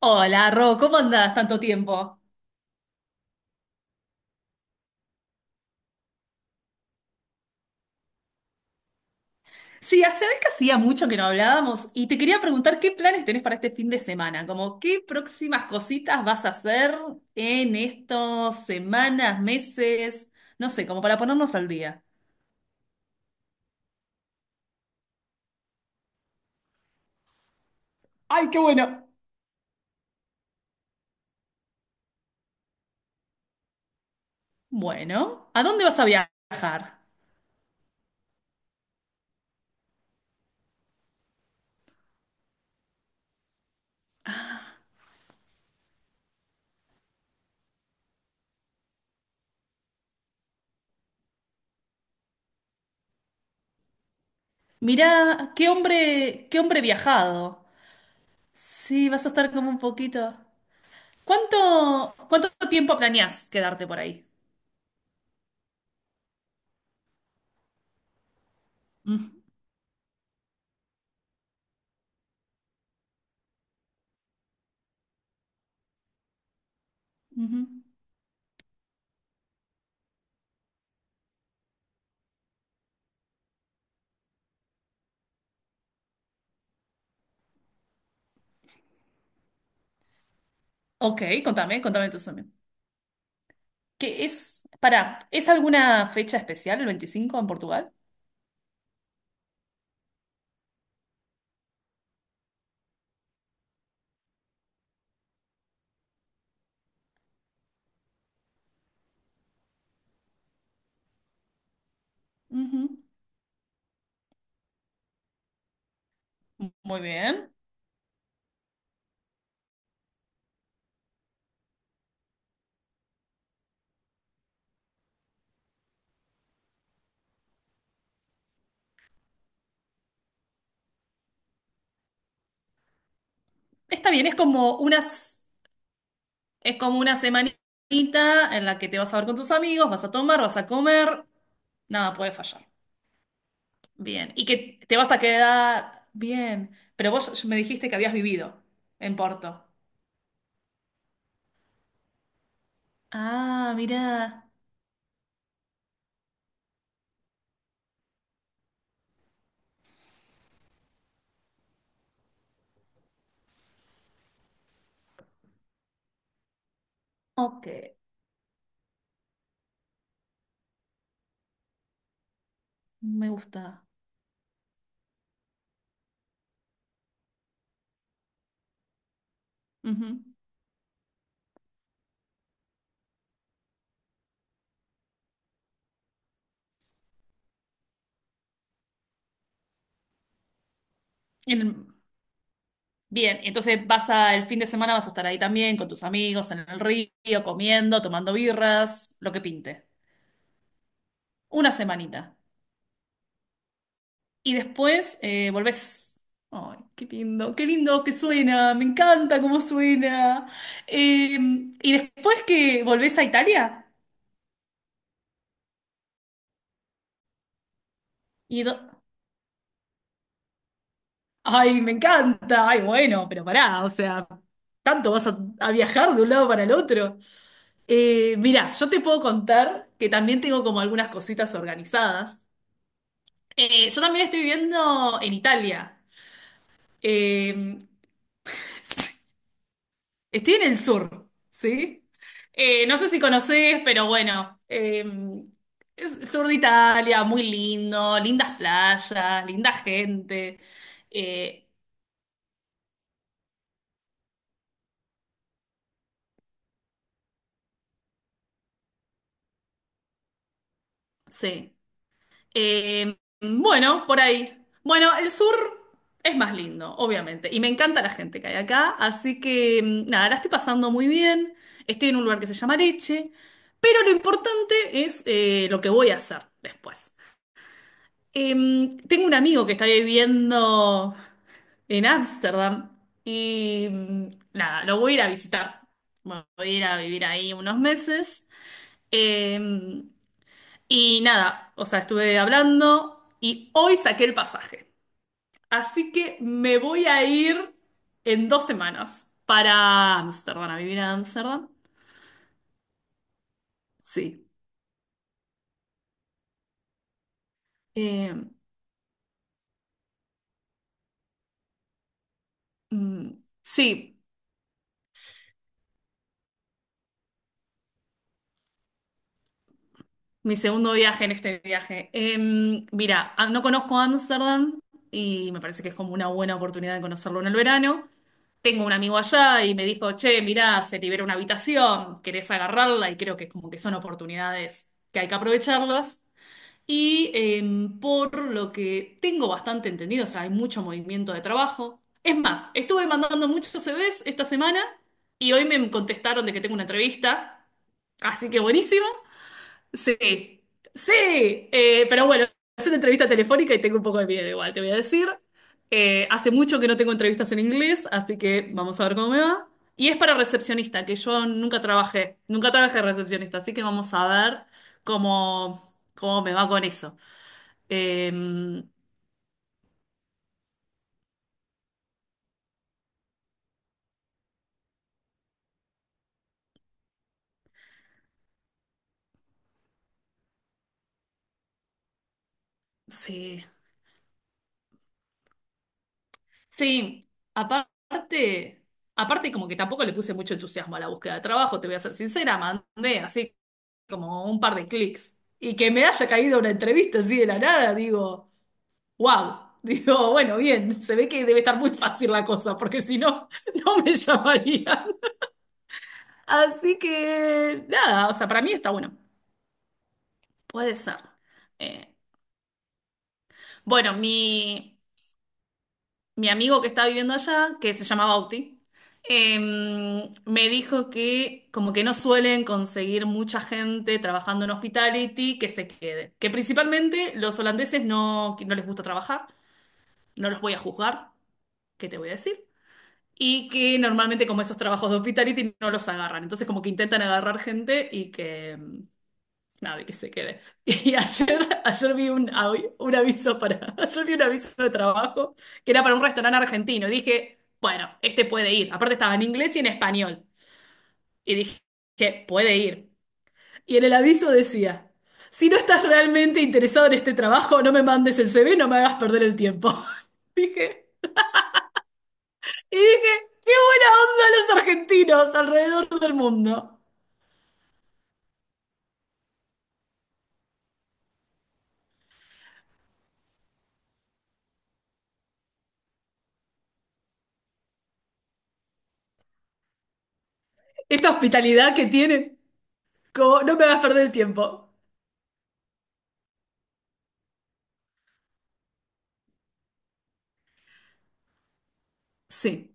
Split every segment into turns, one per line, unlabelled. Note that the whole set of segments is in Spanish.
Hola, Ro, ¿cómo andás tanto tiempo? Sí, hace vez que hacía mucho que no hablábamos y te quería preguntar qué planes tenés para este fin de semana, como qué próximas cositas vas a hacer en estos semanas, meses, no sé, como para ponernos al día. ¡Ay, qué bueno! Bueno, ¿a dónde vas a viajar? Mirá, qué hombre viajado. Sí, vas a estar como un poquito. ¿Cuánto tiempo planeás quedarte por ahí? Ujú, ujú. Ok, contame, contame entonces también. ¿Qué es? Pará, ¿es alguna fecha especial el 25 en Portugal? Ujú. Muy bien. Está bien, es como unas, es como una semanita en la que te vas a ver con tus amigos, vas a tomar, vas a comer, nada puede fallar. Bien, y que te vas a quedar bien, pero vos me dijiste que habías vivido en Porto. Ah, mirá. Ok, me gusta. Ujú. En- Bien, entonces vas el fin de semana vas a estar ahí también con tus amigos en el río, comiendo, tomando birras, lo que pinte. Una semanita. Y después volvés. Ay, qué lindo que suena, me encanta cómo suena. Eh, y después que volvés a Italia, y do- ay, me encanta, ay, bueno, pero pará, o sea, tanto vas a viajar de un lado para el otro. Mirá, yo te puedo contar que también tengo como algunas cositas organizadas. Yo también estoy viviendo en Italia. Eh, Estoy en el sur, ¿sí? No sé si conocés, pero bueno, es el sur de Italia, muy lindo, lindas playas, linda gente. Eh, sí. Bueno, por ahí. Bueno, el sur es más lindo, obviamente, y me encanta la gente que hay acá, así que nada, la estoy pasando muy bien, estoy en un lugar que se llama Leche, pero lo importante es lo que voy a hacer después. Tengo un amigo que está viviendo en Ámsterdam y nada, lo voy a ir a visitar. Bueno, voy a ir a vivir ahí unos meses. Em, y nada, o sea, estuve hablando y hoy saqué el pasaje. Así que me voy a ir en dos semanas para Ámsterdam, a vivir a Ámsterdam. Sí. Eh, mm, sí, mi segundo viaje en este viaje. Mira, no conozco Ámsterdam y me parece que es como una buena oportunidad de conocerlo en el verano. Tengo un amigo allá y me dijo, che, mirá, se libera una habitación, querés agarrarla y creo que como que son oportunidades que hay que aprovecharlas. Y por lo que tengo bastante entendido, o sea, hay mucho movimiento de trabajo. Es más, estuve mandando muchos CVs esta semana y hoy me contestaron de que tengo una entrevista. Así que buenísimo. Sí, sí. Pero bueno, es una entrevista telefónica y tengo un poco de miedo igual, te voy a decir. Hace mucho que no tengo entrevistas en inglés, así que vamos a ver cómo me va. Y es para recepcionista, que yo nunca trabajé, nunca trabajé de recepcionista, así que vamos a ver cómo, cómo me va con eso. Em, sí. Sí, aparte, aparte como que tampoco le puse mucho entusiasmo a la búsqueda de trabajo, te voy a ser sincera, mandé así como un par de clics. Y que me haya caído una entrevista así de la nada, digo, wow. Digo, bueno, bien, se ve que debe estar muy fácil la cosa, porque si no, no me llamarían. Así que, nada, o sea, para mí está bueno. Puede ser. Eh, bueno, mi amigo que está viviendo allá, que se llama Bauti, me dijo que como que no suelen conseguir mucha gente trabajando en hospitality que se quede. Que principalmente los holandeses no, que no les gusta trabajar, no los voy a juzgar, ¿qué te voy a decir? Y que normalmente como esos trabajos de hospitality no los agarran. Entonces como que intentan agarrar gente y que nada, que se quede. Y ayer, ayer vi un aviso para, ayer vi un aviso de trabajo que era para un restaurante argentino. Y dije, bueno, este puede ir. Aparte estaba en inglés y en español. Y dije, que puede ir. Y en el aviso decía, si no estás realmente interesado en este trabajo, no me mandes el CV, no me hagas perder el tiempo. Dije, y dije, qué buena onda los argentinos alrededor del mundo. Esa hospitalidad que tienen, como no me hagas perder el tiempo. Sí,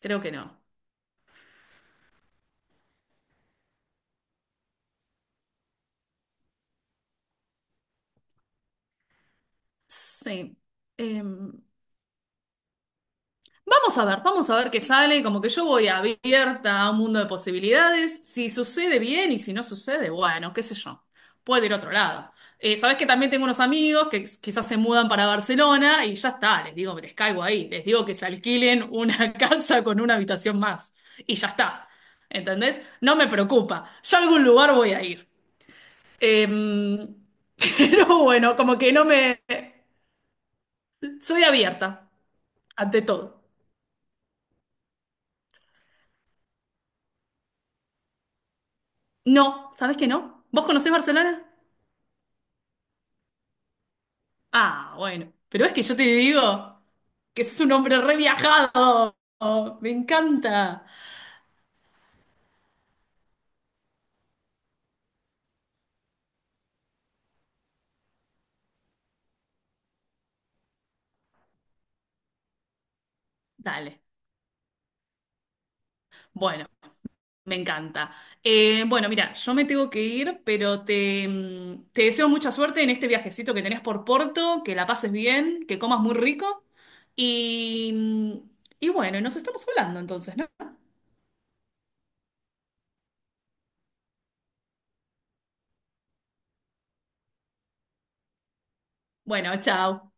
creo que no. Sí. Em, Vamos a ver, vamos a ver qué sale. Como que yo voy abierta a un mundo de posibilidades. Si sucede bien y si no sucede, bueno, qué sé yo. Puedo ir a otro lado. Sabés que también tengo unos amigos que quizás se mudan para Barcelona y ya está, les digo, les caigo ahí, les digo que se alquilen una casa con una habitación más y ya está. ¿Entendés? No me preocupa. Yo a algún lugar voy a ir. Em, pero bueno, como que no me... Soy abierta, ante todo. No, ¿sabes que no? ¿Vos conocés Barcelona? Ah, bueno. Pero es que yo te digo que sos un hombre re viajado. Me encanta. Dale. Bueno, me encanta. Bueno, mira, yo me tengo que ir, pero te, te deseo mucha suerte en este viajecito que tenés por Porto, que la pases bien, que comas muy rico. Y, mm, y bueno, nos estamos hablando entonces, ¿no? Bueno, chao.